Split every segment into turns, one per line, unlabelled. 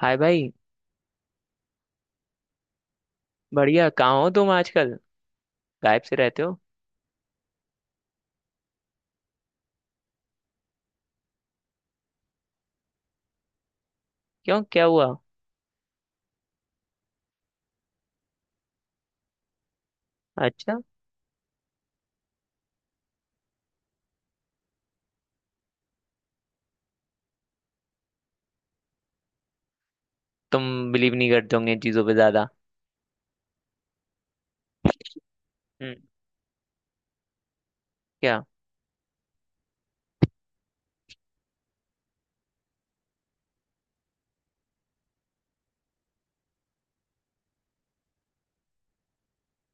हाय भाई। बढ़िया, कहाँ हो तुम आजकल? गायब से रहते हो। क्यों, क्या हुआ? अच्छा, तुम बिलीव नहीं करते होंगे इन चीज़ों पे ज़्यादा। हम्म, क्या?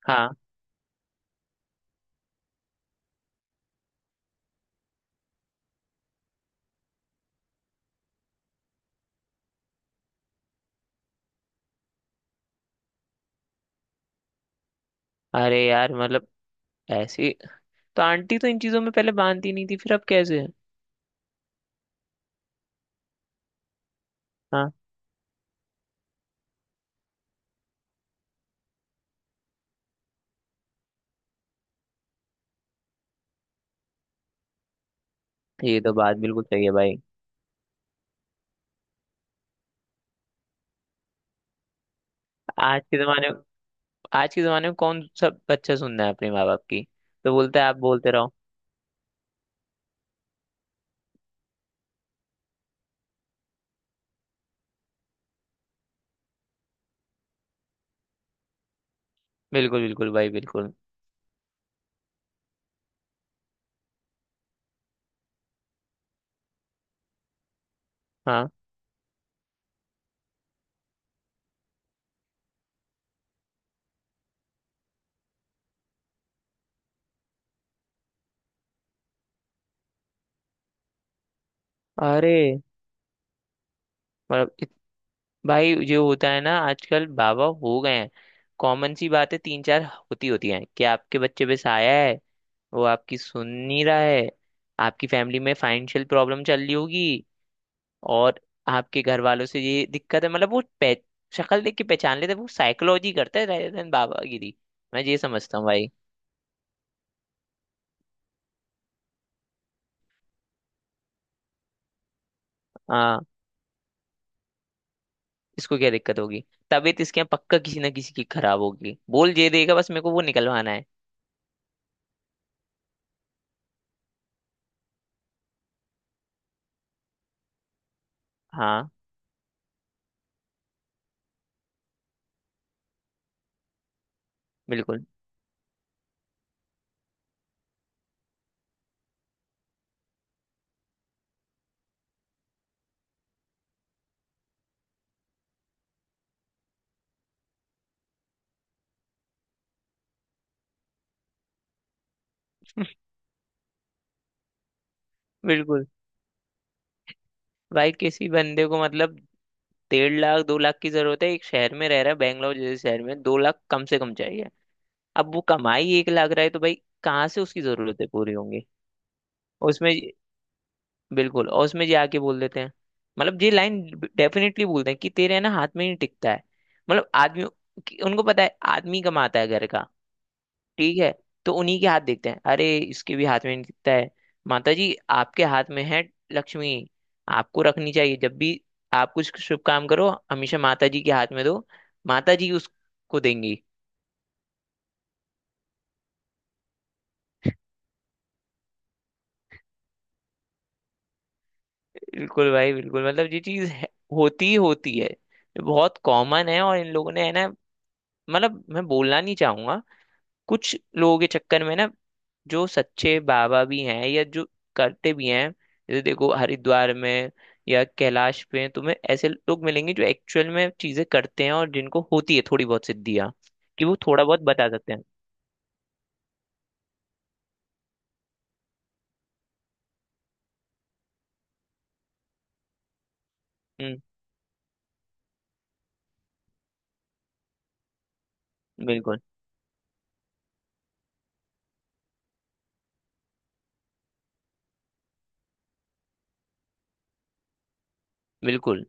हाँ। अरे यार, मतलब ऐसी, तो आंटी तो इन चीज़ों में पहले मानती नहीं थी, फिर अब कैसे? हाँ, ये तो बात बिल्कुल सही है भाई। आज के ज़माने आज के ज़माने में कौन सब बच्चा सुनना है अपने माँ बाप की? तो बोलता है आप बोलते रहो। बिल्कुल बिल्कुल भाई, बिल्कुल। हाँ। अरे मतलब, भाई जो होता है ना आजकल, बाबा हो गए हैं। कॉमन सी बातें तीन चार होती होती हैं कि आपके बच्चे पे साया है, वो आपकी सुन नहीं रहा है, आपकी फैमिली में फाइनेंशियल प्रॉब्लम चल रही होगी और आपके घर वालों से ये दिक्कत है। मतलब शक्ल देख के पहचान लेते हैं, वो साइकोलॉजी करता है rather than बाबागिरी। मैं ये समझता हूँ भाई। हाँ, इसको क्या दिक्कत होगी, तबीयत इसके यहाँ पक्का किसी ना किसी की खराब होगी, बोल ये देगा, बस मेरे को वो निकलवाना है। हाँ बिल्कुल बिल्कुल। भाई किसी बंदे को मतलब 1.5 लाख 2 लाख की जरूरत है, एक शहर में रह रहा है बैंगलोर जैसे शहर में, 2 लाख कम से कम चाहिए। अब वो कमाई 1 लाख रहा है तो भाई कहाँ से उसकी जरूरतें पूरी होंगी? उसमें बिल्कुल। और उसमें ये आके बोल देते हैं, मतलब ये लाइन डेफिनेटली बोलते हैं कि तेरे, है ना, हाथ में नहीं टिकता है। मतलब आदमी, उनको पता है आदमी कमाता है घर का। ठीक है, तो उन्हीं के हाथ देखते हैं, अरे इसके भी हाथ में नहीं दिखता है, माता जी आपके हाथ में है लक्ष्मी, आपको रखनी चाहिए। जब भी आप कुछ शुभ काम करो हमेशा माता जी के हाथ में दो, माता जी उसको देंगी। बिल्कुल भाई बिल्कुल। मतलब ये चीज है, होती ही होती है, ये बहुत कॉमन है। और इन लोगों ने, है ना, मतलब मैं बोलना नहीं चाहूंगा, कुछ लोगों के चक्कर में ना जो सच्चे बाबा भी हैं या जो करते भी हैं। जैसे देखो हरिद्वार में या कैलाश पे तुम्हें ऐसे लोग मिलेंगे जो एक्चुअल में चीजें करते हैं और जिनको होती है थोड़ी बहुत सिद्धियाँ, कि वो थोड़ा बहुत बता सकते हैं। हम्म। बिल्कुल बिल्कुल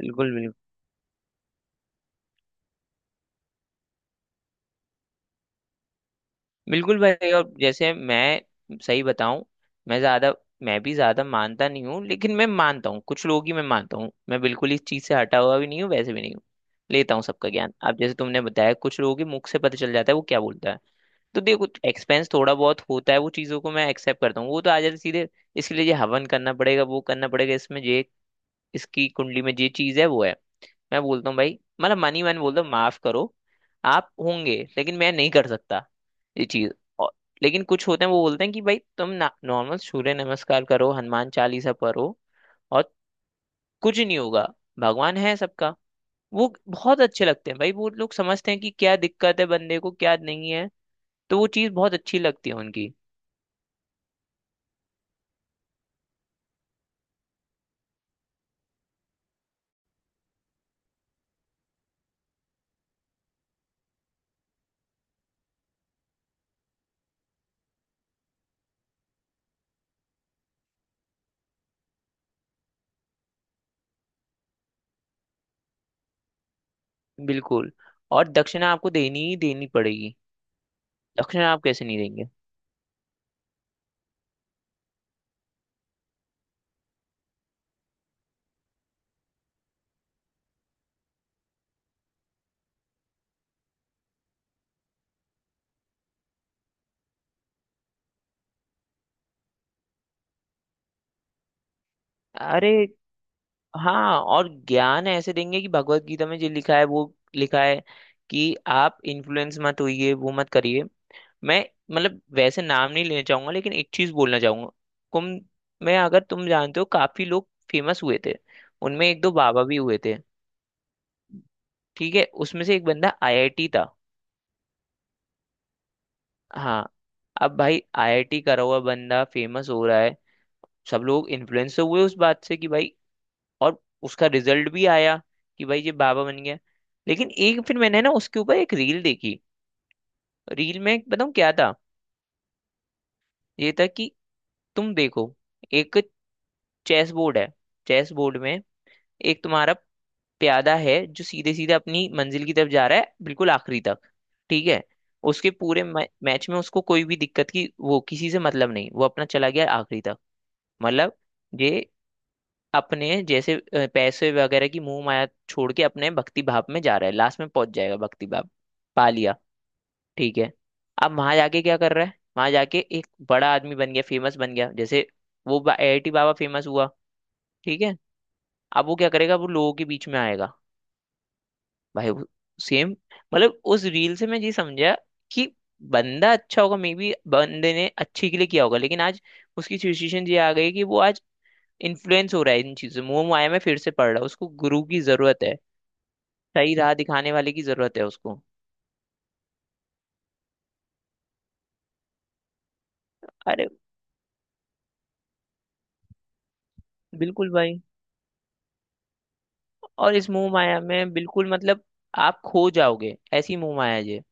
बिल्कुल बिल्कुल। बिल्कुल भाई। और जैसे मैं सही बताऊं, मैं ज्यादा मैं भी ज्यादा मानता नहीं हूँ, लेकिन मैं मानता हूँ कुछ लोग ही, मैं मानता हूँ, मैं बिल्कुल इस चीज से हटा हुआ भी नहीं हूँ, वैसे भी नहीं हूँ। लेता हूँ सबका ज्ञान। अब जैसे तुमने बताया, कुछ लोगों के मुख से पता चल जाता है वो क्या बोलता है। तो देखो, एक्सपेंस थोड़ा बहुत होता है, वो चीज़ों को मैं एक्सेप्ट करता हूँ। वो तो आ जाते सीधे, इसके लिए ये हवन करना पड़ेगा, वो करना पड़ेगा, इसमें ये, इसकी कुंडली में ये चीज़ है वो है। मैं बोलता हूँ भाई, मतलब मनी मन बोलता हूँ, माफ करो, आप होंगे लेकिन मैं नहीं कर सकता ये चीज़। और लेकिन कुछ होते हैं, वो बोलते हैं कि भाई तुम ना नॉर्मल सूर्य नमस्कार करो, हनुमान चालीसा पढ़ो, और कुछ नहीं होगा, भगवान है सबका। वो बहुत अच्छे लगते हैं भाई, वो लोग समझते हैं कि क्या दिक्कत है बंदे को, क्या नहीं है। तो वो चीज़ बहुत अच्छी लगती है उनकी। बिल्कुल। और दक्षिणा आपको देनी ही देनी पड़ेगी, दक्षिणा आप कैसे नहीं देंगे? अरे हाँ। और ज्ञान ऐसे देंगे कि भगवत गीता में जो लिखा है वो लिखा है कि आप इन्फ्लुएंस मत होइए, वो मत करिए। मैं, मतलब वैसे नाम नहीं लेना चाहूंगा, लेकिन एक चीज बोलना चाहूंगा। कुंभ में, अगर तुम जानते हो, काफी लोग फेमस हुए थे। उनमें एक दो बाबा भी हुए थे। ठीक है, उसमें से एक बंदा आईआईटी था। हाँ। अब भाई आईआईटी करा हुआ बंदा फेमस हो रहा है, सब लोग इन्फ्लुएंस हुए उस बात से कि भाई। और उसका रिजल्ट भी आया कि भाई ये बाबा बन गया। लेकिन एक फिर मैंने ना उसके ऊपर एक रील देखी। रील में बताऊँ क्या था? ये था कि तुम देखो, एक चेस बोर्ड है, चेस बोर्ड में एक तुम्हारा प्यादा है जो सीधे सीधे अपनी मंजिल की तरफ जा रहा है, बिल्कुल आखिरी तक। ठीक है? उसके पूरे मैच में, उसको कोई भी दिक्कत की, वो किसी से मतलब नहीं, वो अपना चला गया आखिरी तक। मतलब ये अपने जैसे पैसे वगैरह की मोह माया छोड़ के अपने भक्ति भाव में जा रहा है, लास्ट में पहुंच जाएगा, भक्ति भाव पा लिया। ठीक है। अब वहां जाके क्या कर रहा है, वहां जाके एक बड़ा आदमी बन गया, फेमस बन गया, जैसे वो एआईटी बाबा फेमस हुआ। ठीक है। अब वो क्या करेगा, वो लोगों के बीच में आएगा भाई, वो सेम, मतलब उस रील से मैं ये समझा कि बंदा अच्छा होगा, मे बी बंदे ने अच्छे के लिए किया होगा, लेकिन आज उसकी सिचुएशन ये आ गई कि वो आज इन्फ्लुएंस हो रहा है, इन चीजों मोह माया में फिर से पड़ रहा है। उसको गुरु की जरूरत है, सही राह दिखाने वाले की जरूरत है उसको। अरे बिल्कुल भाई। और इस मोह माया में बिल्कुल मतलब आप खो जाओगे, ऐसी मोह माया है ये।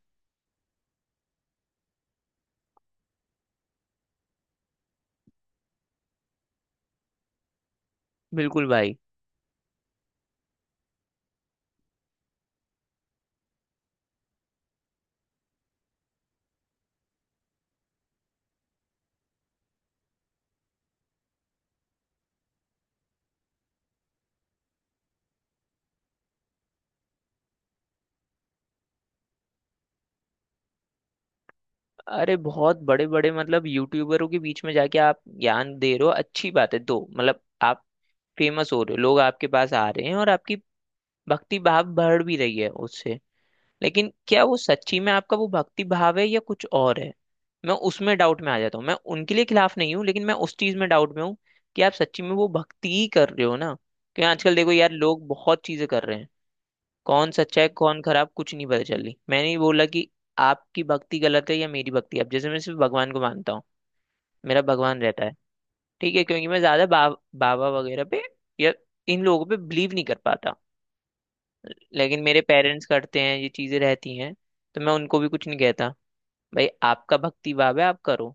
बिल्कुल भाई। अरे बहुत बड़े बड़े मतलब यूट्यूबरों के बीच में जाके आप ज्ञान दे रहे हो, अच्छी बात है दो, मतलब आप फेमस हो रहे हो, लोग आपके पास आ रहे हैं और आपकी भक्ति भाव बढ़ भी रही है उससे। लेकिन क्या वो सच्ची में आपका वो भक्ति भाव है या कुछ और है? मैं उसमें डाउट में आ जाता हूँ। मैं उनके लिए खिलाफ नहीं हूँ, लेकिन मैं उस चीज में डाउट में हूँ कि आप सच्ची में वो भक्ति ही कर रहे हो ना, क्योंकि आजकल देखो यार लोग बहुत चीजें कर रहे हैं। कौन सच्चा है कौन खराब, कुछ नहीं पता चल रही। मैंने ये बोला कि आपकी भक्ति गलत है या मेरी भक्ति, अब जैसे मैं सिर्फ भगवान को मानता हूँ, मेरा भगवान रहता है। ठीक है? क्योंकि मैं ज्यादा बाबा वगैरह पे या इन लोगों पे बिलीव नहीं कर पाता। लेकिन मेरे पेरेंट्स करते हैं, ये चीजें रहती हैं, तो मैं उनको भी कुछ नहीं कहता, भाई आपका भक्ति भाव है आप करो।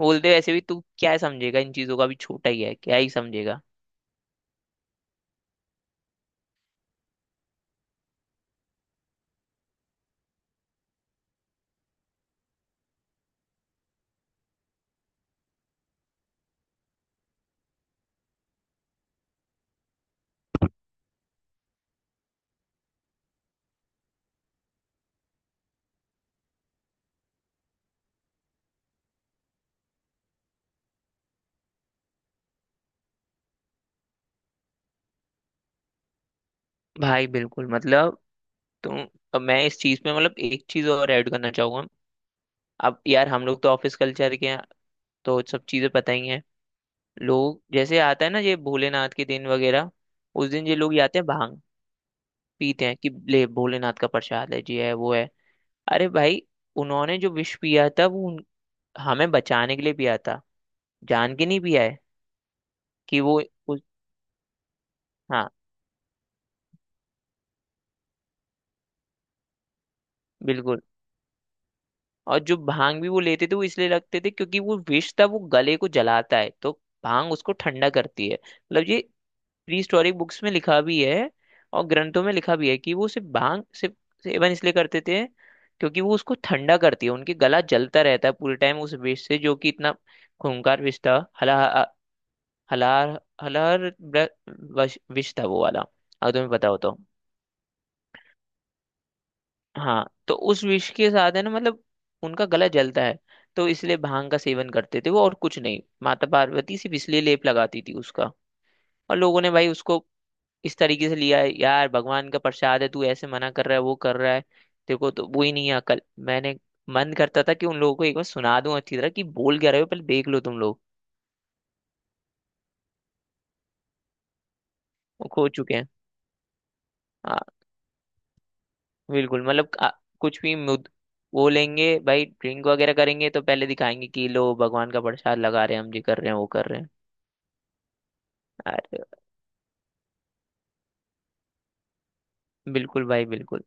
बोलते वैसे भी तू क्या ही समझेगा इन चीजों का, भी छोटा ही है क्या ही समझेगा। भाई बिल्कुल, मतलब, तुम, अब मैं इस चीज में, मतलब एक चीज और ऐड करना चाहूंगा। अब यार हम लोग तो ऑफिस कल्चर के हैं, तो सब चीजें पता ही हैं। लोग, जैसे आता है ना ये भोलेनाथ के दिन वगैरह, उस दिन ये लोग ये आते हैं, भांग पीते हैं कि ले भोलेनाथ का प्रसाद है जी, है वो है। अरे भाई, उन्होंने जो विष पिया था वो हमें बचाने के लिए पिया था, जान के नहीं पिया है। कि वो उस- हाँ। बिल्कुल। और जो भांग भी वो लेते थे वो इसलिए लगते थे क्योंकि वो विष था, वो गले को जलाता है, तो भांग उसको ठंडा करती है। मतलब ये प्री हिस्टोरिक बुक्स में लिखा भी है और ग्रंथों में लिखा भी है कि वो सिर्फ भांग सिर्फ सेवन इसलिए करते थे क्योंकि वो उसको ठंडा करती है, उनके गला जलता रहता है पूरे टाइम उस विष से, जो कि इतना खूंखार विष था। हला हलार हलार ब्र- वश- विष था वो वाला, अगर तुम्हें पता हो तो। हाँ, तो उस विष के साथ है ना, मतलब उनका गला जलता है, तो इसलिए भांग का सेवन करते थे वो, और कुछ नहीं। माता पार्वती सिर्फ इसलिए लेप लगाती थी उसका। और लोगों ने भाई उसको इस तरीके से लिया है, यार भगवान का प्रसाद है तू ऐसे मना कर रहा है वो कर रहा है, तेरे को तो वो ही नहीं है अकल। मैंने मन करता था कि उन लोगों को एक बार सुना दूं अच्छी तरह कि बोल क्या रहे हो, पहले देख लो तुम लोग। वो खो चुके हैं। हाँ। बिल्कुल, मतलब कुछ भी मुद बोलेंगे भाई, ड्रिंक वगैरह करेंगे तो पहले दिखाएंगे कि लो भगवान का प्रसाद लगा रहे हैं, हम ये कर रहे हैं वो कर रहे हैं। अरे बिल्कुल भाई बिल्कुल।